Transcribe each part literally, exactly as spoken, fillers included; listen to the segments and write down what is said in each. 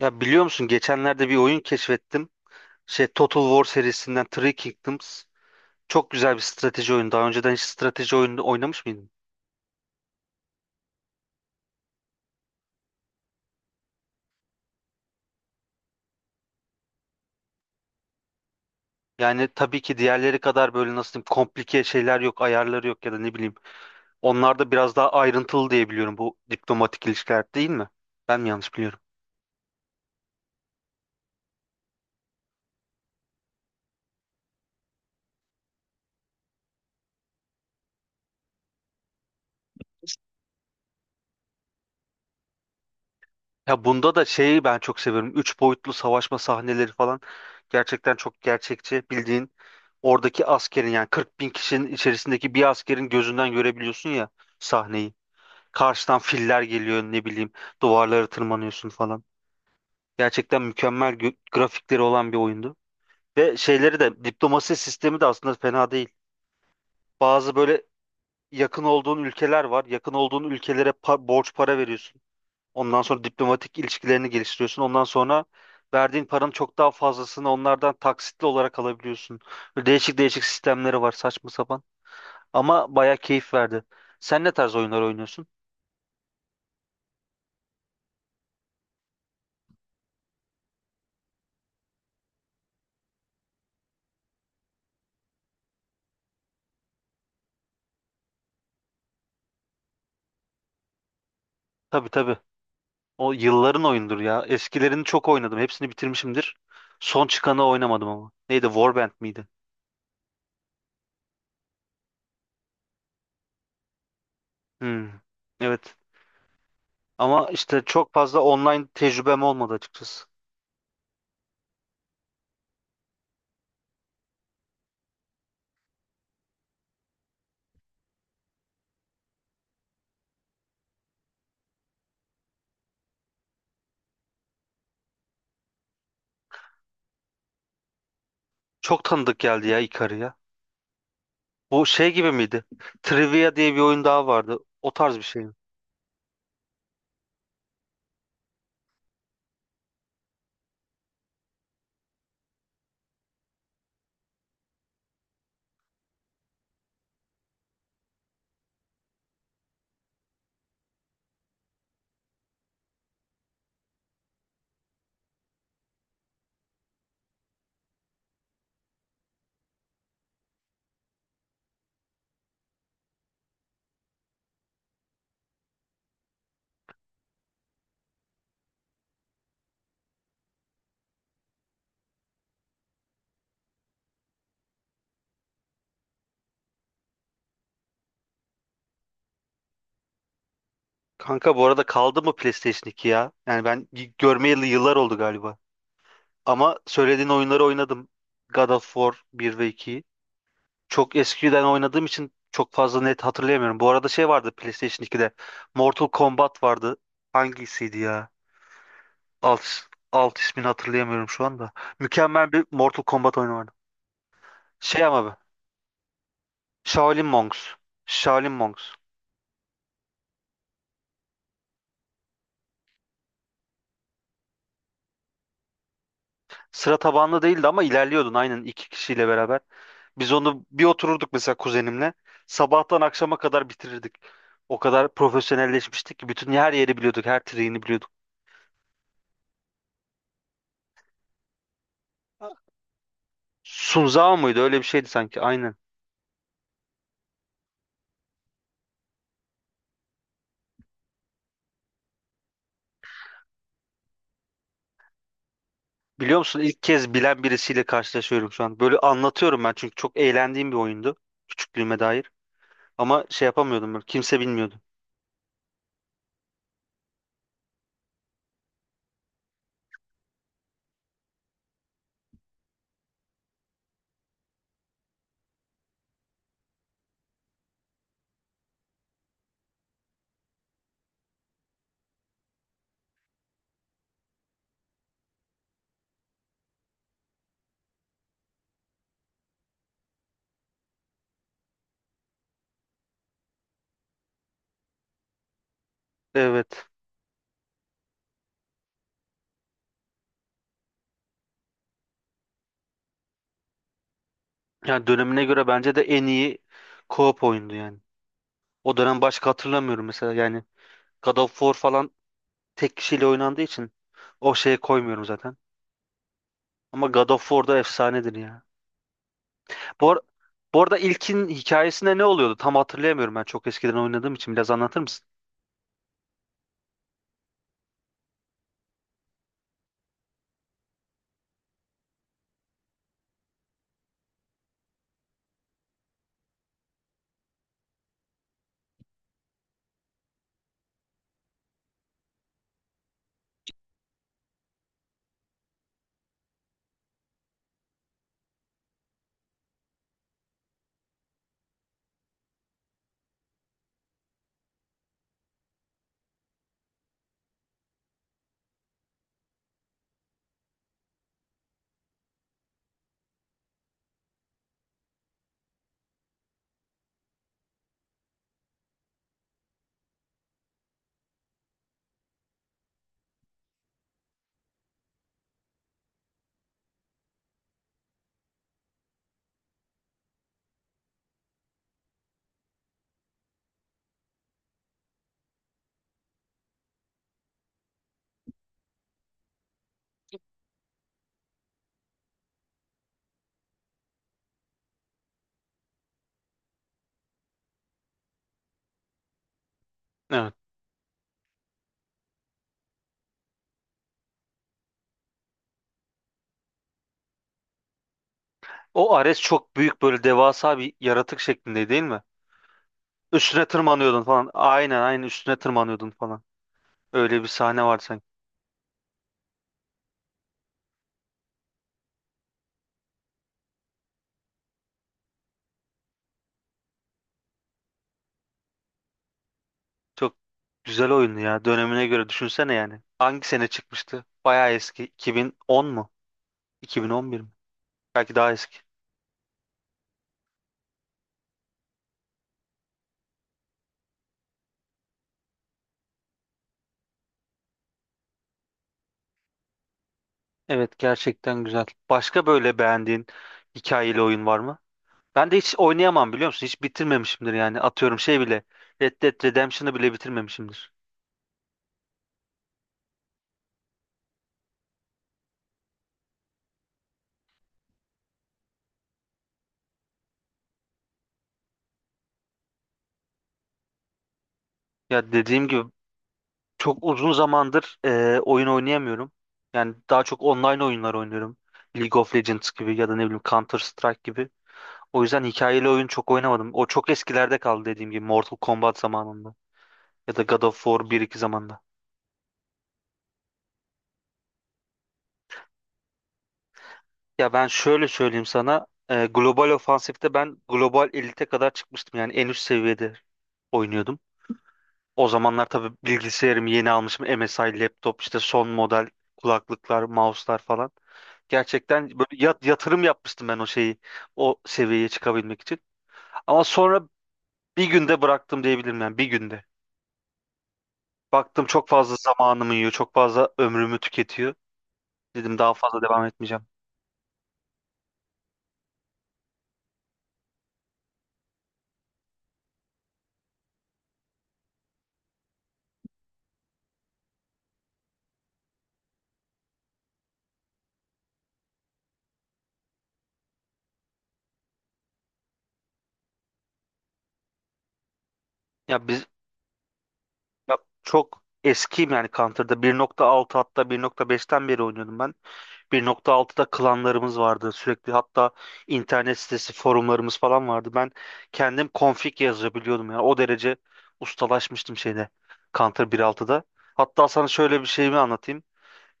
Ya biliyor musun geçenlerde bir oyun keşfettim. Şey Total War serisinden Three Kingdoms. Çok güzel bir strateji oyunu. Daha önceden hiç strateji oyunu oynamış mıydın? Yani tabii ki diğerleri kadar böyle nasıl diyeyim komplike şeyler yok, ayarları yok ya da ne bileyim. Onlar da biraz daha ayrıntılı diye biliyorum bu diplomatik ilişkiler değil mi? Ben mi yanlış biliyorum? Ya bunda da şeyi ben çok seviyorum. Üç boyutlu savaşma sahneleri falan gerçekten çok gerçekçi. Bildiğin oradaki askerin yani kırk bin kişinin içerisindeki bir askerin gözünden görebiliyorsun ya sahneyi. Karşıdan filler geliyor ne bileyim duvarlara tırmanıyorsun falan. Gerçekten mükemmel gö- grafikleri olan bir oyundu. Ve şeyleri de diplomasi sistemi de aslında fena değil. Bazı böyle yakın olduğun ülkeler var. Yakın olduğun ülkelere pa- borç para veriyorsun. Ondan sonra diplomatik ilişkilerini geliştiriyorsun. Ondan sonra verdiğin paranın çok daha fazlasını onlardan taksitli olarak alabiliyorsun. Böyle değişik değişik sistemleri var saçma sapan. Ama baya keyif verdi. Sen ne tarz oyunlar oynuyorsun? Tabii tabii. O yılların oyundur ya. Eskilerini çok oynadım. Hepsini bitirmişimdir. Son çıkanı oynamadım ama. Neydi? Warband miydi? Hmm. Evet. Ama işte çok fazla online tecrübem olmadı açıkçası. Çok tanıdık geldi ya Ikari ya. Bu şey gibi miydi? Trivia diye bir oyun daha vardı. O tarz bir şey mi? Kanka bu arada kaldı mı PlayStation iki ya? Yani ben y- görmeyeli yıllar oldu galiba. Ama söylediğin oyunları oynadım. God of War bir ve ikiyi çok eskiden oynadığım için çok fazla net hatırlayamıyorum. Bu arada şey vardı PlayStation ikide. Mortal Kombat vardı. Hangisiydi ya? Alt, alt ismini hatırlayamıyorum şu anda. Mükemmel bir Mortal Kombat oyunu vardı. Şey ama be. Shaolin Monks. Shaolin Monks. Sıra tabanlı değildi ama ilerliyordun aynen iki kişiyle beraber. Biz onu bir otururduk mesela kuzenimle. Sabahtan akşama kadar bitirirdik. O kadar profesyonelleşmiştik ki bütün her yeri biliyorduk, her triğini biliyorduk. Sunzao muydu? Öyle bir şeydi sanki. Aynen. Biliyor musun ilk kez bilen birisiyle karşılaşıyorum şu an. Böyle anlatıyorum ben çünkü çok eğlendiğim bir oyundu küçüklüğüme dair. Ama şey yapamıyordum böyle kimse bilmiyordu. Evet. Yani dönemine göre bence de en iyi co-op oyundu yani. O dönem başka hatırlamıyorum mesela yani God of War falan tek kişiyle oynandığı için o şeye koymuyorum zaten. Ama God of War da efsanedir ya. Bu, ar- bu arada ilkin hikayesinde ne oluyordu? Tam hatırlayamıyorum ben çok eskiden oynadığım için biraz anlatır mısın? Evet. O Ares çok büyük böyle devasa bir yaratık şeklinde değil mi? Üstüne tırmanıyordun falan. Aynen aynen üstüne tırmanıyordun falan. Öyle bir sahne var sanki. Çok güzel oyundu ya. Dönemine göre düşünsene yani. Hangi sene çıkmıştı? Bayağı eski. iki bin on mu? iki bin on bir mi? Belki daha eski. Evet gerçekten güzel. Başka böyle beğendiğin hikayeli oyun var mı? Ben de hiç oynayamam biliyor musun? Hiç bitirmemişimdir yani. Atıyorum şey bile. Red Dead Redemption'ı bile bitirmemişimdir. Ya dediğim gibi çok uzun zamandır e, oyun oynayamıyorum. Yani daha çok online oyunlar oynuyorum. League of Legends gibi ya da ne bileyim Counter Strike gibi. O yüzden hikayeli oyun çok oynamadım. O çok eskilerde kaldı dediğim gibi Mortal Kombat zamanında ya da God of War bir iki zamanında. Ya ben şöyle söyleyeyim sana. E, global ofansifte ben global elite kadar çıkmıştım. Yani en üst seviyede oynuyordum. O zamanlar tabii bilgisayarımı yeni almışım. M S I laptop işte son model kulaklıklar, mouse'lar falan. Gerçekten böyle yat- yatırım yapmıştım ben o şeyi, o seviyeye çıkabilmek için. Ama sonra bir günde bıraktım diyebilirim yani bir günde. Baktım çok fazla zamanımı yiyor, çok fazla ömrümü tüketiyor. Dedim daha fazla devam etmeyeceğim. Ya biz ya çok eskiyim yani Counter'da bir nokta altı hatta bir nokta beşten beri oynuyordum ben. bir nokta altıda klanlarımız vardı. Sürekli hatta internet sitesi, forumlarımız falan vardı. Ben kendim config yazabiliyordum yani. O derece ustalaşmıştım şeyde Counter bir nokta altıda. Hatta sana şöyle bir şeyimi anlatayım.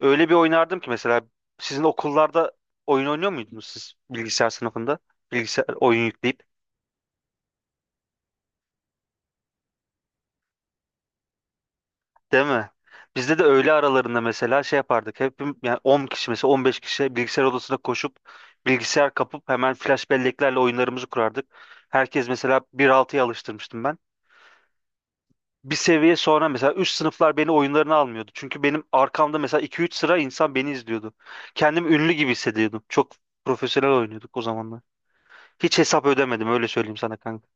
Öyle bir oynardım ki mesela sizin okullarda oyun oynuyor muydunuz siz bilgisayar sınıfında? Bilgisayar oyun yükleyip. Değil mi? Bizde de öğle aralarında mesela şey yapardık. Hepim yani on kişi mesela on beş kişi bilgisayar odasına koşup bilgisayar kapıp hemen flash belleklerle oyunlarımızı kurardık. Herkes mesela bir nokta altıya alıştırmıştım ben. Bir seviye sonra mesela üst sınıflar beni oyunlarına almıyordu. Çünkü benim arkamda mesela iki üç sıra insan beni izliyordu. Kendim ünlü gibi hissediyordum. Çok profesyonel oynuyorduk o zamanlar. Hiç hesap ödemedim öyle söyleyeyim sana kanka.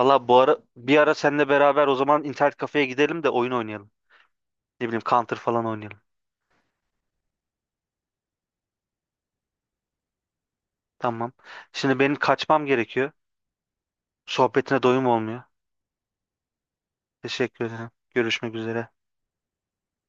Valla bu ara bir ara seninle beraber o zaman internet kafeye gidelim de oyun oynayalım. Ne bileyim Counter falan oynayalım. Tamam. Şimdi benim kaçmam gerekiyor. Sohbetine doyum olmuyor. Teşekkür ederim. Görüşmek üzere.